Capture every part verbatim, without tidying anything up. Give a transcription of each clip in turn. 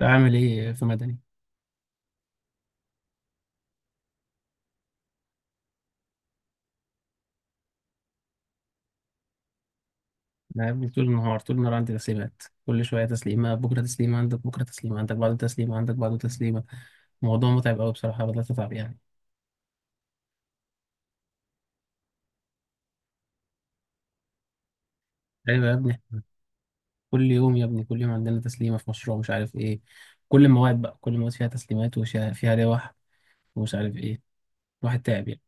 عامل ايه في مدني؟ انا يا ابني طول النهار طول النهار عندي تسليمات، كل شويه تسليمه، بكره تسليمه عندك، بكره تسليمه عندك، بعده تسليمه عندك، بعده تسليمه. الموضوع متعب قوي بصراحه، بدات اتعب يعني. ايوه يا ابني، إحنا كل يوم يا ابني، كل يوم عندنا تسليمه في مشروع مش عارف ايه. كل المواد بقى، كل المواد فيها تسليمات، وفيها فيها لوح ومش عارف ايه. الواحد تعب يعني.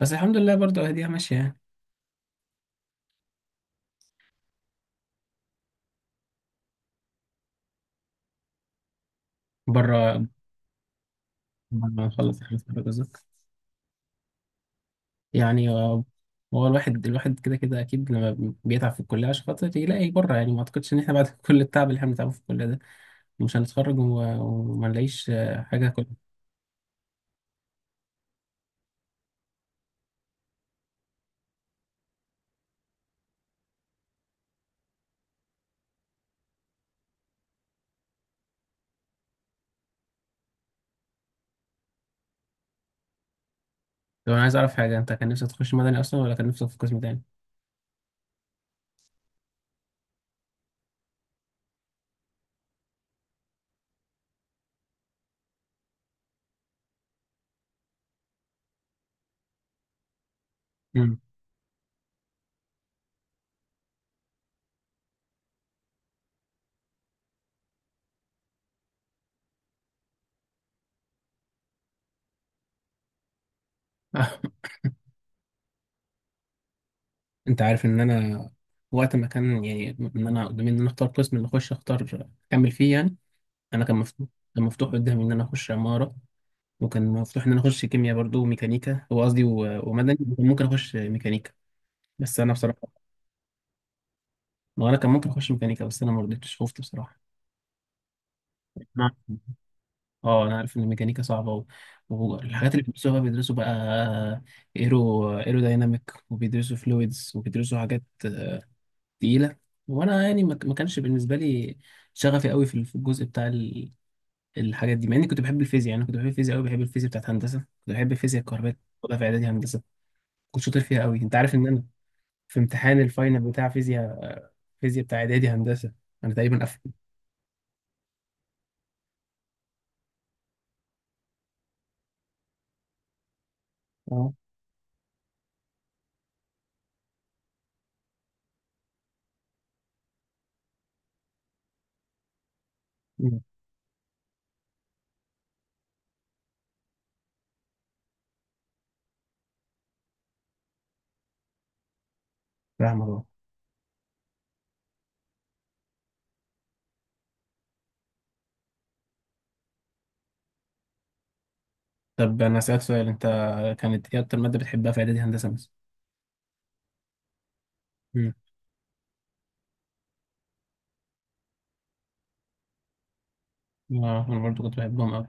بس الحمد لله برضه اهديها ماشيه يعني. بره. بره ما نخلص خلاص حضرتك. يعني آه، هو الواحد الواحد كده كده اكيد لما بيتعب في الكليه عشان خاطر يلاقي بره، يعني ما اعتقدش ان احنا بعد كل التعب اللي احنا بنتعبه في الكليه ده مش هنتخرج و- وما نلاقيش آه، حاجه كلها. طب انا عايز اعرف حاجه، انت كان نفسك تخش مدني اصلا ولا كان نفسك في قسم تاني؟ امم. انت عارف ان انا وقت ما كان يعني ان انا قدامي ان انا اختار قسم اللي اخش اختار اكمل فيه يعني. انا كان مفتوح، كان مفتوح قدامي ان انا اخش عماره، وكان مفتوح ان انا اخش كيمياء برضو وميكانيكا، هو قصدي و- ومدني، وكان ممكن اخش ميكانيكا. بس انا بصراحه، ما انا كان ممكن اخش ميكانيكا، بس انا ما رضيتش، خفت بصراحه. نعم. اه انا عارف ان الميكانيكا صعبه و... والحاجات اللي بيدرسوها بيدرسوا بقى، ايرو ايرو دايناميك، وبيدرسوا فلويدز، وبيدرسوا حاجات آه، تقيله. وانا يعني ما ما كانش بالنسبه لي شغفي قوي في في الجزء بتاع ال- الحاجات دي، مع اني كنت بحب الفيزياء. يعني أنا كنت بحب الفيزياء قوي، بحب الفيزياء بتاعت هندسه، كنت بحب الفيزياء الكهربائيه. كنت في اعدادي هندسه كنت شاطر فيها قوي. انت عارف ان انا في امتحان الفاينل بتاع فيزياء، فيزياء بتاع اعدادي هندسه، انا تقريبا قفلت. اه. أمم. فاهمك. طب انا اسالك سؤال، انت كانت ايه اكتر ماده بتحبها في اعدادي هندسه مثلا؟ مم. اه انا برضو كنت بحبهم قوي.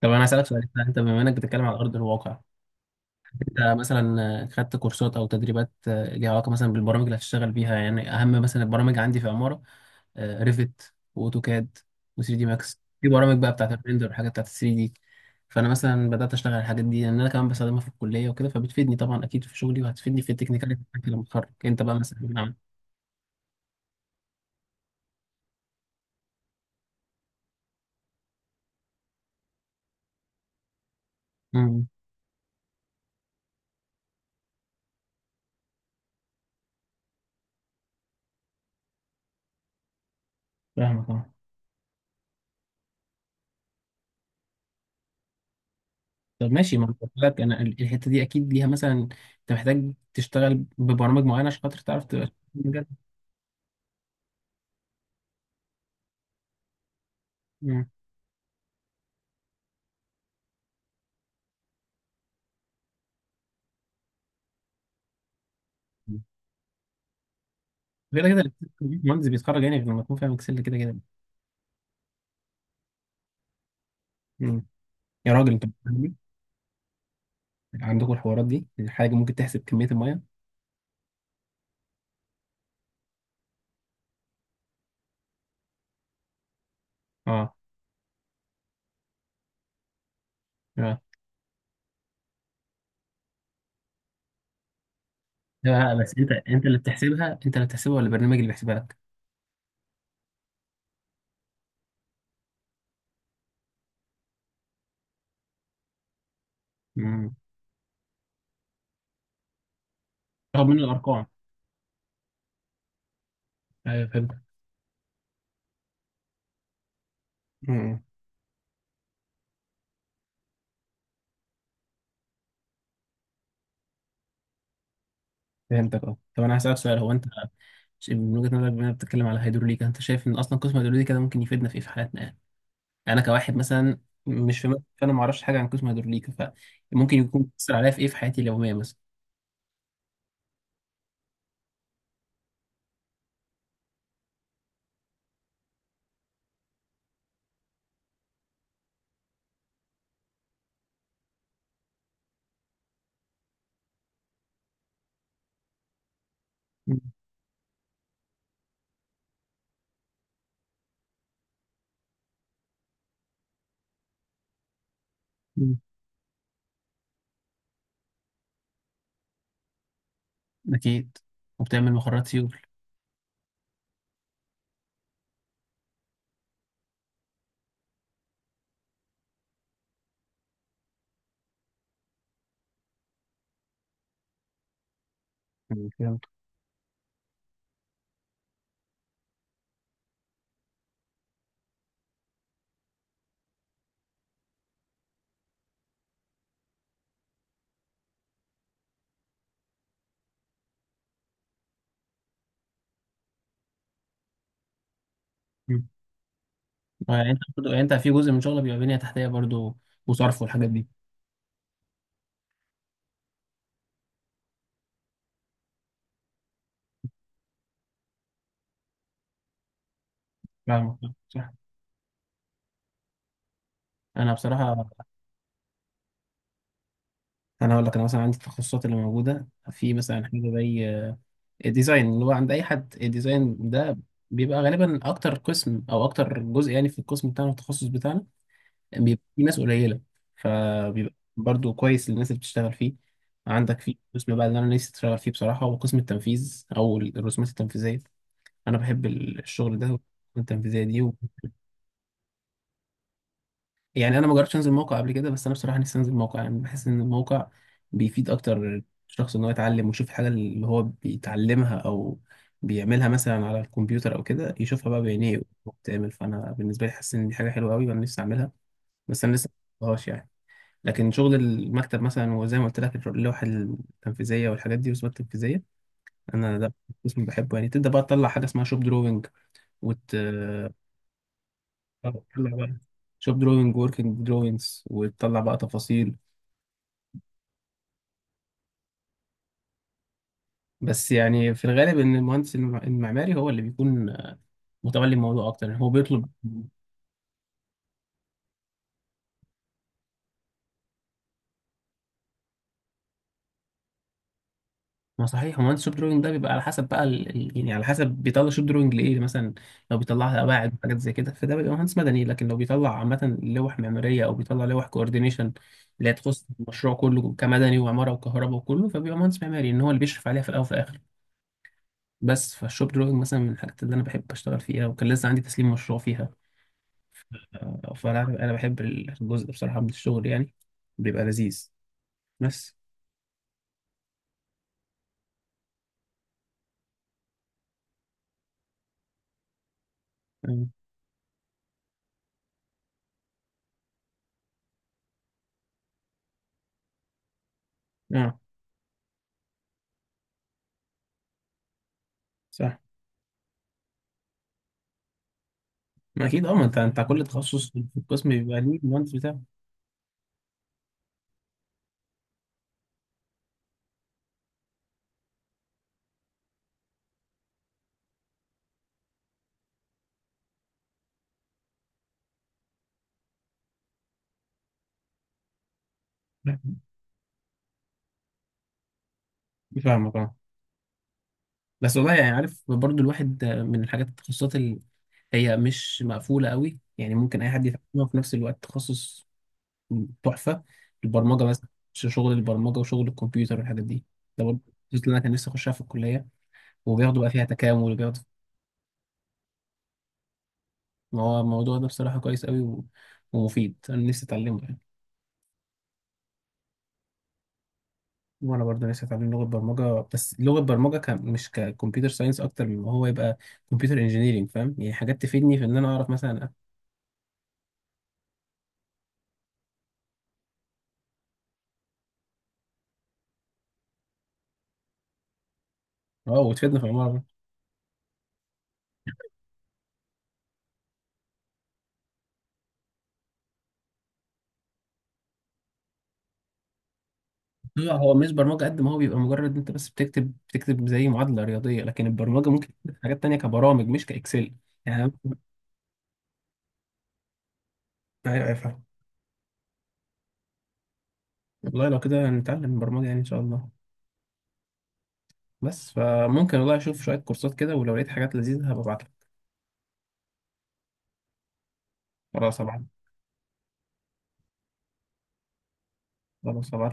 طب انا اسالك سؤال، انت أنت بما انك بتتكلم على ارض الواقع، انت مثلا خدت كورسات او تدريبات آه، ليها علاقه مثلا بالبرامج اللي هتشتغل بيها، يعني اهم مثلا البرامج عندي في عماره: ريفت واوتوكاد و3 دي ماكس، في برامج بقى بتاعت الريندر والحاجات بتاعت ثري دي. فانا مثلا بدات اشتغل على الحاجات دي لان انا كمان بستخدمها في الكليه وكده، فبتفيدني طبعا اكيد في شغلي وهتفيدني في التكنيكاليتي بتاعتي لما اتخرج. انت بقى مثلا؟ نعم. امم. فاهمك. طب ماشي، ما أنا قلت لك انا ال- الحته دي اكيد ليها مثلا، انت محتاج تشتغل ببرامج معينه عشان خاطر تعرف تبقى بجد. مم. كده كده المهندس بيتخرج، يعني غير لما يكون فاهم اكسل كده كده. مم. يا راجل انت بتعمل إيه؟ عندكم الحوارات دي، الحاجه ممكن تحسب كميه الميه؟ اه. اه. لا بس انت انت اللي بتحسبها، انت اللي بتحسبها ولا البرنامج اللي بيحسبها لك؟ مم. تاخد منه الارقام. ايوه فهمتك. مم. فهمتك اه. طب انا هسالك سؤال، هو انت ش- من وجهه نظرك بما إنك بتتكلم على هيدروليكا، انت شايف ان اصلا قسم هيدروليكا ده ممكن يفيدنا في ايه في حياتنا يعني؟ انا كواحد مثلا مش في مدني، فانا ما اعرفش حاجه عن قسم هيدروليكا، فممكن يكون بيأثر عليا في ايه في حياتي اليوميه مثلا. مم. مم. اكيد، وبتعمل مخرجات سيول. مم. فهمت. مم. يعني انت برضو، يعني انت في جزء من شغلك بيبقى بنيه تحتيه برضو، وصرف والحاجات دي. فاهمك. صح. انا بصراحه، انا هقول لك، انا مثلا عندي التخصصات اللي موجوده في مثلا حاجه زي الديزاين، اللي هو عند اي حد الديزاين ده بيبقى غالبا اكتر قسم او اكتر جزء يعني. في القسم بتاعنا التخصص بتاعنا بيبقى في ناس قليله، فبيبقى برضو كويس للناس اللي بتشتغل فيه. عندك في قسم بقى اللي انا نفسي اشتغل فيه بصراحه، هو قسم التنفيذ او الرسومات التنفيذيه. انا بحب ال- الشغل ده والرسومات التنفيذيه دي و... يعني انا ما جربتش انزل موقع قبل كده، بس انا بصراحه نفسي انزل موقع، يعني بحس ان الموقع بيفيد اكتر الشخص، ان هو يتعلم ويشوف الحاجه اللي هو بيتعلمها او بيعملها مثلا على الكمبيوتر او كده، يشوفها بقى بعينيه وبتعمل. فانا بالنسبه لي حاسس ان دي حاجه حلوه قوي، وانا نفسي اعملها. بس انا لسه ما عملتهاش يعني. لكن شغل المكتب مثلا، وزي ما قلت لك، اللوحة التنفيذية والحاجات دي والرسومات التنفيذية، أنا ده قسم بحبه يعني. تبدأ بقى تطلع حاجة اسمها شوب دروينج، وت آه، تطلع بقى شوب دروينج، وركينج دروينجز، وتطلع بقى تفاصيل. بس يعني في الغالب إن المهندس الم- المعماري هو اللي بيكون متولي الموضوع أكتر، يعني هو بيطلب. ما صحيح، هو الشوب دروينج ده بيبقى على حسب بقى ال... ال- يعني على حسب بيطلع شوب دروينج لايه يعني. مثلا لو بيطلعها قواعد وحاجات زي كده، فده بيبقى مهندس مدني، لكن لو بيطلع عامة لوح معمارية او بيطلع لوح كوردينيشن اللي هي تخص المشروع كله، كمدني وعمارة وكهرباء وكله، فبيبقى مهندس معماري ان هو اللي بيشرف عليها في الاول وفي الاخر. بس فالشوب دروينج مثلا من الحاجات اللي انا بحب اشتغل فيها، وكان لسه عندي تسليم مشروع فيها، فانا انا بحب الجزء ده بصراحة من الشغل يعني، بيبقى لذيذ. بس. اه آه، صح. ما اكيد اه، ما انت انت كل تخصص في القسم بيبقى ليه المهندس بتاعه. فاهمك اه. بس والله يعني عارف برضو، الواحد من الحاجات، التخصصات اللي هي مش مقفوله قوي يعني، ممكن اي حد يتعلمها، في نفس الوقت تخصص تحفه، البرمجه مثلا. ش- شغل البرمجه وشغل الكمبيوتر والحاجات دي، ده برضو التخصص اللي انا كان نفسي اخشها في الكليه، وبياخدوا بقى فيها تكامل وبياخدوا. ما هو الموضوع ده بصراحه كويس قوي و... ومفيد، انا نفسي اتعلمه يعني. وانا برضه نفسي اتعلم لغه برمجه، بس لغه برمجه ك... مش ككمبيوتر ساينس، اكتر من ما هو يبقى كمبيوتر انجينيرنج، فاهم يعني حاجات تفيدني في ان انا اعرف مثلا. اه وتفيدنا في العماره. هو هو مش برمجه قد ما هو بيبقى مجرد انت بس بتكتب، بتكتب زي معادله رياضيه، لكن البرمجه ممكن تكتب حاجات تانية كبرامج مش كاكسل يعني. ايوه، أيوة، فاهم. والله لو كده نتعلم برمجه يعني، ان شاء الله. بس فممكن والله اشوف شويه كورسات كده، ولو لقيت حاجات لذيذه هبقى ابعتلك. خلاص هبعت. خلاص هبعت.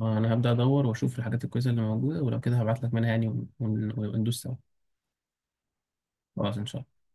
آه، انا هبدأ ادور واشوف الحاجات الكويسة اللي موجودة، ولو كده هبعت لك منها يعني، ون- ون- وندوس سوا. خلاص ان شاء الله.